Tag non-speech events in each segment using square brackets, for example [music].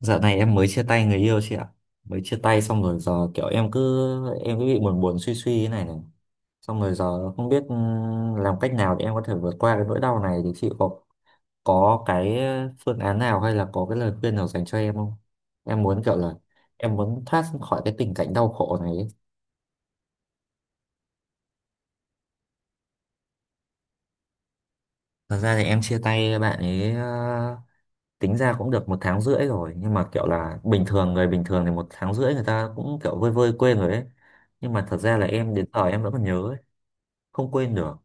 Dạo này em mới chia tay người yêu chị ạ. Mới chia tay xong rồi giờ kiểu em cứ bị buồn buồn suy suy thế này này. Xong rồi giờ không biết làm cách nào để em có thể vượt qua cái nỗi đau này thì chị có cái phương án nào hay là có cái lời khuyên nào dành cho em không? Em muốn kiểu là em muốn thoát khỏi cái tình cảnh đau khổ này ấy. Thật ra thì em chia tay bạn ấy tính ra cũng được một tháng rưỡi rồi, nhưng mà kiểu là bình thường, người bình thường thì một tháng rưỡi người ta cũng kiểu vơi vơi quên rồi ấy, nhưng mà thật ra là em đến giờ em vẫn còn nhớ ấy, không quên được.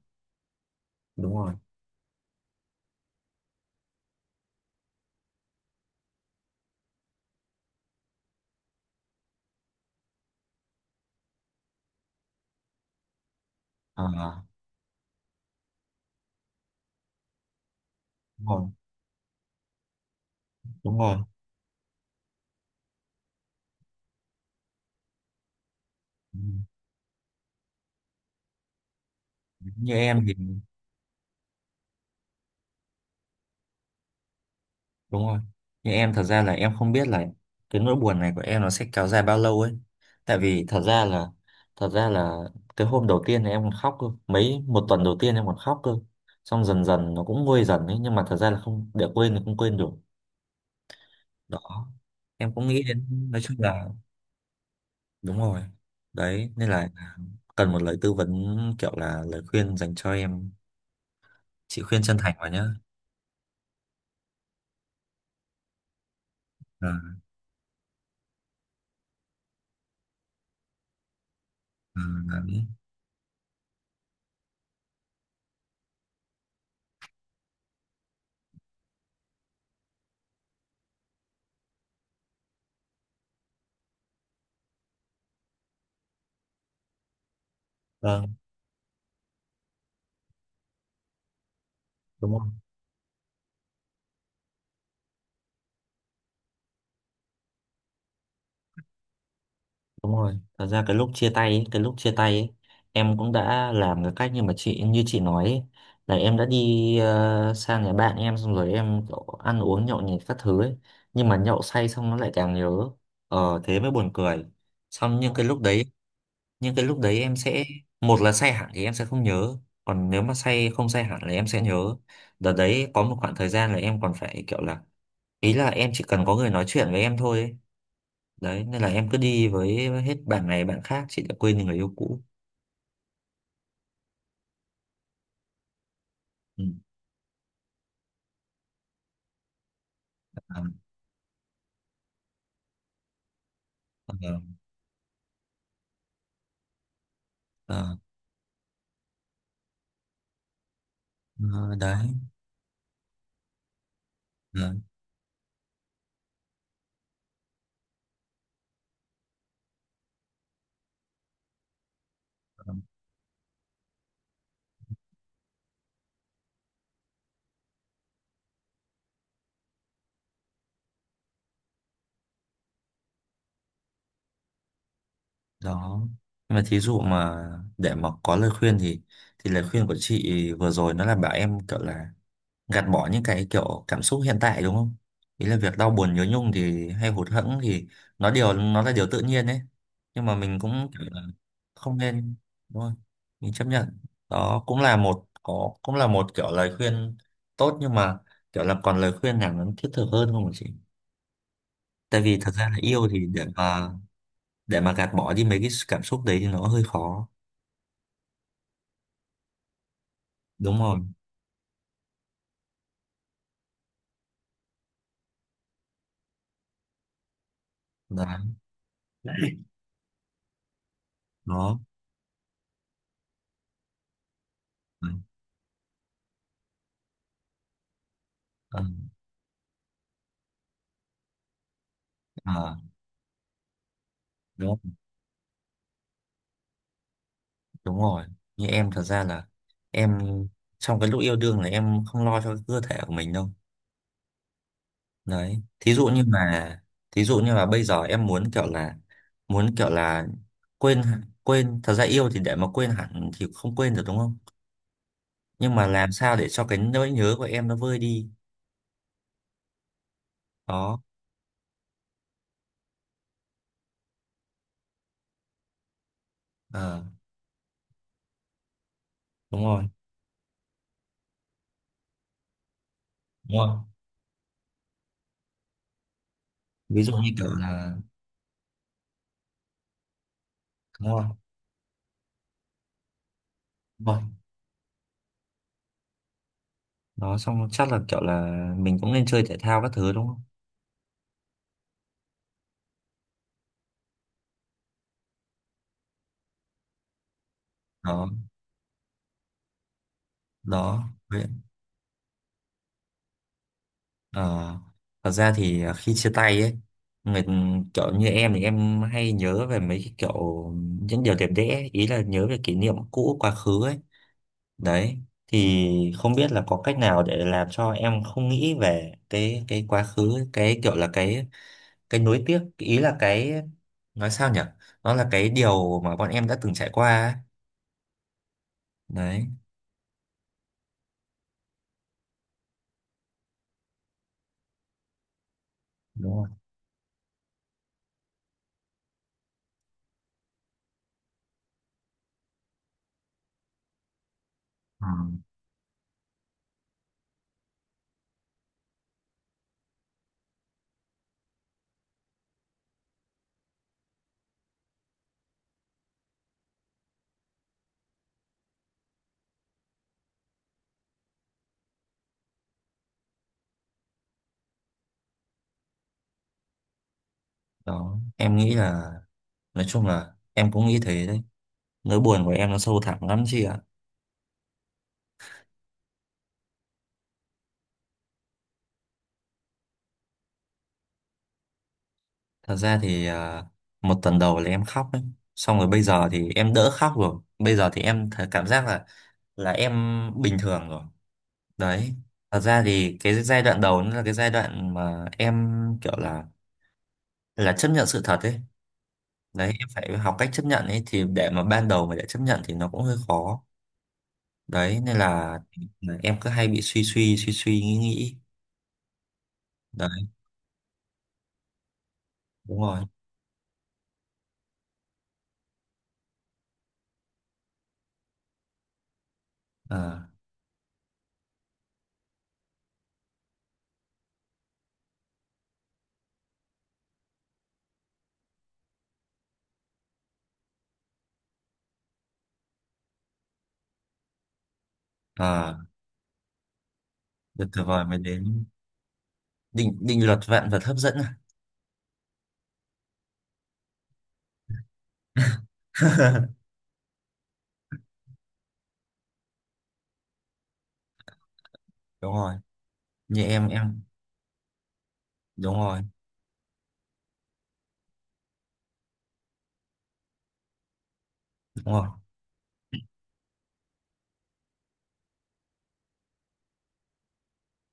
Đúng rồi. À, đúng rồi, đúng rồi. Ừ. Như em thì đúng rồi. Như em thật ra là em không biết là cái nỗi buồn này của em nó sẽ kéo dài bao lâu ấy, tại vì thật ra là cái hôm đầu tiên thì em còn khóc cơ, mấy một tuần đầu tiên em còn khóc cơ, xong dần dần nó cũng nguôi dần ấy, nhưng mà thật ra là không để quên thì không quên được. Đó em cũng nghĩ đến, nói chung là đúng rồi. Đấy nên là cần một lời tư vấn kiểu là lời khuyên dành cho em, chị khuyên chân thành vào nhá. À, à, đấy. Vâng. Đúng rồi. Đúng rồi, thật ra cái lúc chia tay ấy, em cũng đã làm cái cách như mà chị nói ấy, là em đã đi sang nhà bạn em xong rồi em kiểu ăn uống nhậu nhẹt các thứ ấy, nhưng mà nhậu say xong nó lại càng nhớ. Ờ thế mới buồn cười. Xong nhưng cái lúc đấy, những cái lúc đấy em sẽ, một là say hẳn thì em sẽ không nhớ, còn nếu mà say không say hẳn là em sẽ nhớ. Đợt đấy có một khoảng thời gian là em còn phải kiểu là, ý là em chỉ cần có người nói chuyện với em thôi ấy. Đấy nên là em cứ đi với hết bạn này bạn khác, chị đã quên đi người yêu cũ. Ừ. Ờ, ờ, ờ, ờ, đấy. Ờ, ờ. Đó. Nhưng mà thí dụ mà để mà có lời khuyên thì lời khuyên của chị vừa rồi nó là bảo em kiểu là gạt bỏ những cái kiểu cảm xúc hiện tại, đúng không? Ý là việc đau buồn nhớ nhung thì hay hụt hẫng thì nó là điều tự nhiên đấy, nhưng mà mình cũng kiểu là không nên, đúng không? Mình chấp nhận. Đó cũng là một kiểu lời khuyên tốt, nhưng mà kiểu là còn lời khuyên nào nó thiết thực hơn không hả chị? Tại vì thật ra là yêu thì để mà, để mà gạt bỏ đi mấy cái cảm xúc đấy thì nó hơi khó. Đúng rồi. Đó. Đó. Ừ. Ừ. À, đúng, đúng rồi. Như em thật ra là em trong cái lúc yêu đương là em không lo cho cái cơ thể của mình đâu. Đấy thí dụ như mà, thí dụ như là bây giờ em muốn kiểu là, muốn kiểu là quên, thật ra yêu thì để mà quên hẳn thì không quên được đúng không, nhưng mà làm sao để cho cái nỗi nhớ của em nó vơi đi. Đó. Ờ, đúng rồi. Đúng rồi. Ví dụ như kiểu là đúng rồi. Đúng rồi. Đó, xong chắc là kiểu là mình cũng nên chơi thể thao các thứ đúng không? Đó. Đó. Ờ, thật ra thì khi chia tay ấy người, kiểu như em thì em hay nhớ về mấy cái kiểu những điều đẹp đẽ, ý là nhớ về kỷ niệm cũ quá khứ ấy. Đấy, thì không biết là có cách nào để làm cho em không nghĩ về cái quá khứ, cái kiểu là cái nuối tiếc, ý là cái nói sao nhỉ, nó là cái điều mà bọn em đã từng trải qua ấy. Đấy. Đúng rồi. Đó em nghĩ là nói chung là em cũng nghĩ thế đấy, nỗi buồn của em nó sâu thẳm lắm chị ạ. Thật ra thì một tuần đầu là em khóc ấy, xong rồi bây giờ thì em đỡ khóc rồi, bây giờ thì em thấy cảm giác là em bình thường rồi. Đấy. Thật ra thì cái giai đoạn đầu nó là cái giai đoạn mà em kiểu là chấp nhận sự thật ấy. Đấy em phải học cách chấp nhận ấy, thì để mà ban đầu mà để chấp nhận thì nó cũng hơi khó. Đấy nên là em cứ hay bị suy suy suy suy nghĩ nghĩ. Đúng rồi. À, à. Được tuyệt vời mới đến. Định định luật vạn vật hấp dẫn à? [laughs] Đúng rồi. Như em đúng rồi. Đúng rồi.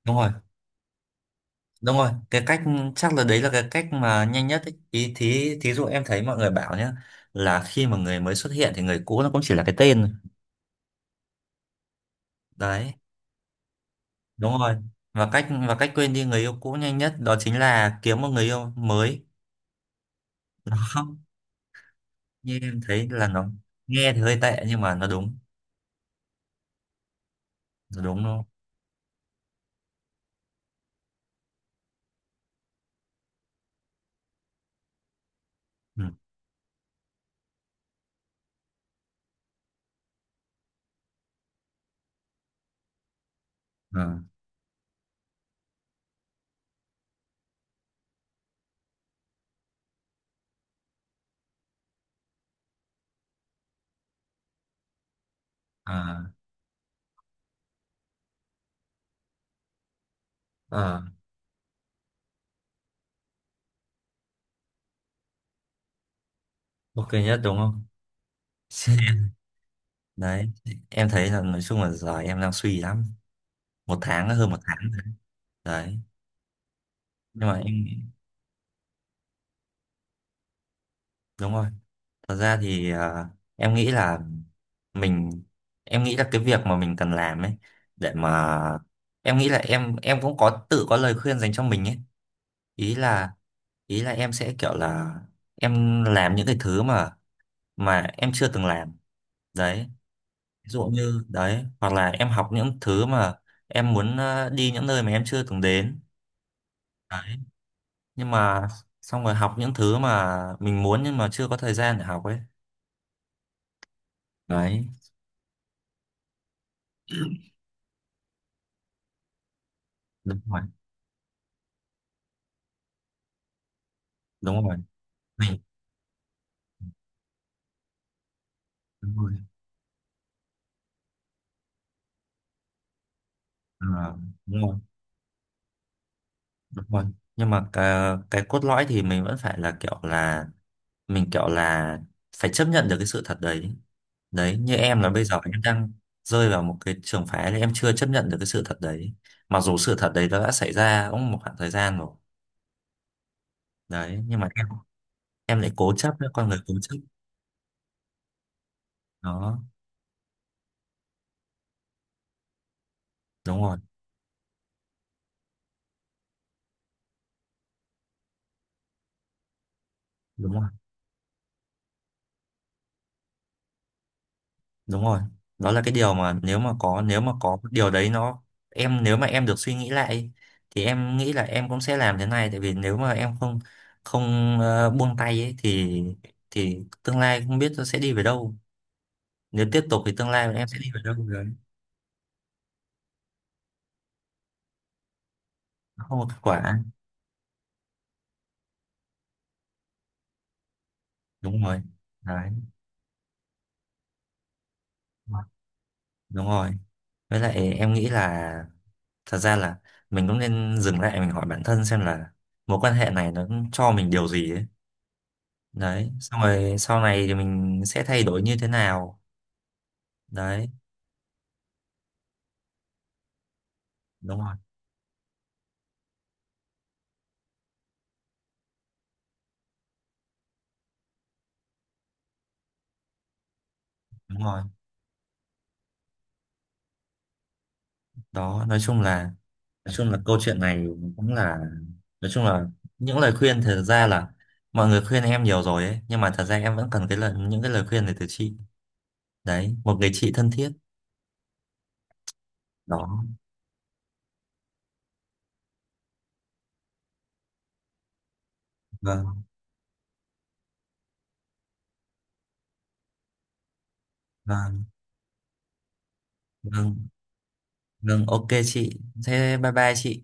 Đúng rồi. Đúng rồi cái cách, chắc là đấy là cái cách mà nhanh nhất ấy. Ý thí thí dụ em thấy mọi người bảo nhá, là khi mà người mới xuất hiện thì người cũ nó cũng chỉ là cái tên thôi. Đấy. Đúng rồi. Và cách quên đi người yêu cũ nhanh nhất đó chính là kiếm một người yêu mới. Nó không. Như em thấy là nó nghe thì hơi tệ nhưng mà nó đúng. Nó đúng luôn. Ừ. À, à. Ờ, ok nhất đúng không? [laughs] Đấy, em thấy là nói chung là giờ em đang suy lắm. Một tháng, hơn một tháng rồi. Đấy, nhưng mà em, đúng rồi. Thật ra thì em nghĩ là mình, em nghĩ là cái việc mà mình cần làm ấy, để mà, em nghĩ là em cũng có tự có lời khuyên dành cho mình ấy. Ý là, ý là em sẽ kiểu là, em làm những cái thứ mà em chưa từng làm. Đấy, ví dụ như đấy, hoặc là em học những thứ mà em muốn, đi những nơi mà em chưa từng đến. Đấy, nhưng mà xong rồi học những thứ mà mình muốn nhưng mà chưa có thời gian để học ấy. Đấy. Đúng rồi. Đúng rồi. Mình đúng rồi. Ờ, đúng rồi. Đúng rồi nhưng mà cái cốt lõi thì mình vẫn phải là kiểu là, mình kiểu là phải chấp nhận được cái sự thật đấy. Đấy như em là bây giờ em đang rơi vào một cái trường phái là em chưa chấp nhận được cái sự thật đấy, mặc dù sự thật đấy nó đã xảy ra cũng một khoảng thời gian rồi. Đấy nhưng mà em lại cố chấp đấy, con người cố chấp. Đó. Đúng rồi. Đúng rồi. Đúng rồi. Đó là cái điều mà nếu mà có cái điều đấy nó, em nếu mà em được suy nghĩ lại thì em nghĩ là em cũng sẽ làm thế này, tại vì nếu mà em không không ờ, buông tay ấy thì tương lai không biết nó sẽ đi về đâu, nếu tiếp tục thì tương lai em sẽ đi về đâu đấy. Nó không có kết quả. Đúng rồi. Đấy. Đúng rồi với lại em nghĩ là thật ra là mình cũng nên dừng lại, mình hỏi bản thân xem là mối quan hệ này nó cho mình điều gì ấy. Đấy xong rồi sau này thì mình sẽ thay đổi như thế nào. Đấy. Đúng rồi. Đúng rồi. Đó nói chung là câu chuyện này cũng là, nói chung là những lời khuyên thật ra là mọi người khuyên em nhiều rồi ấy, nhưng mà thật ra em vẫn cần cái lời những cái lời khuyên này từ chị. Đấy, một người chị thân thiết. Đó. Vâng. Vâng. Vâng. Vâng, ok chị. Thế bye bye chị.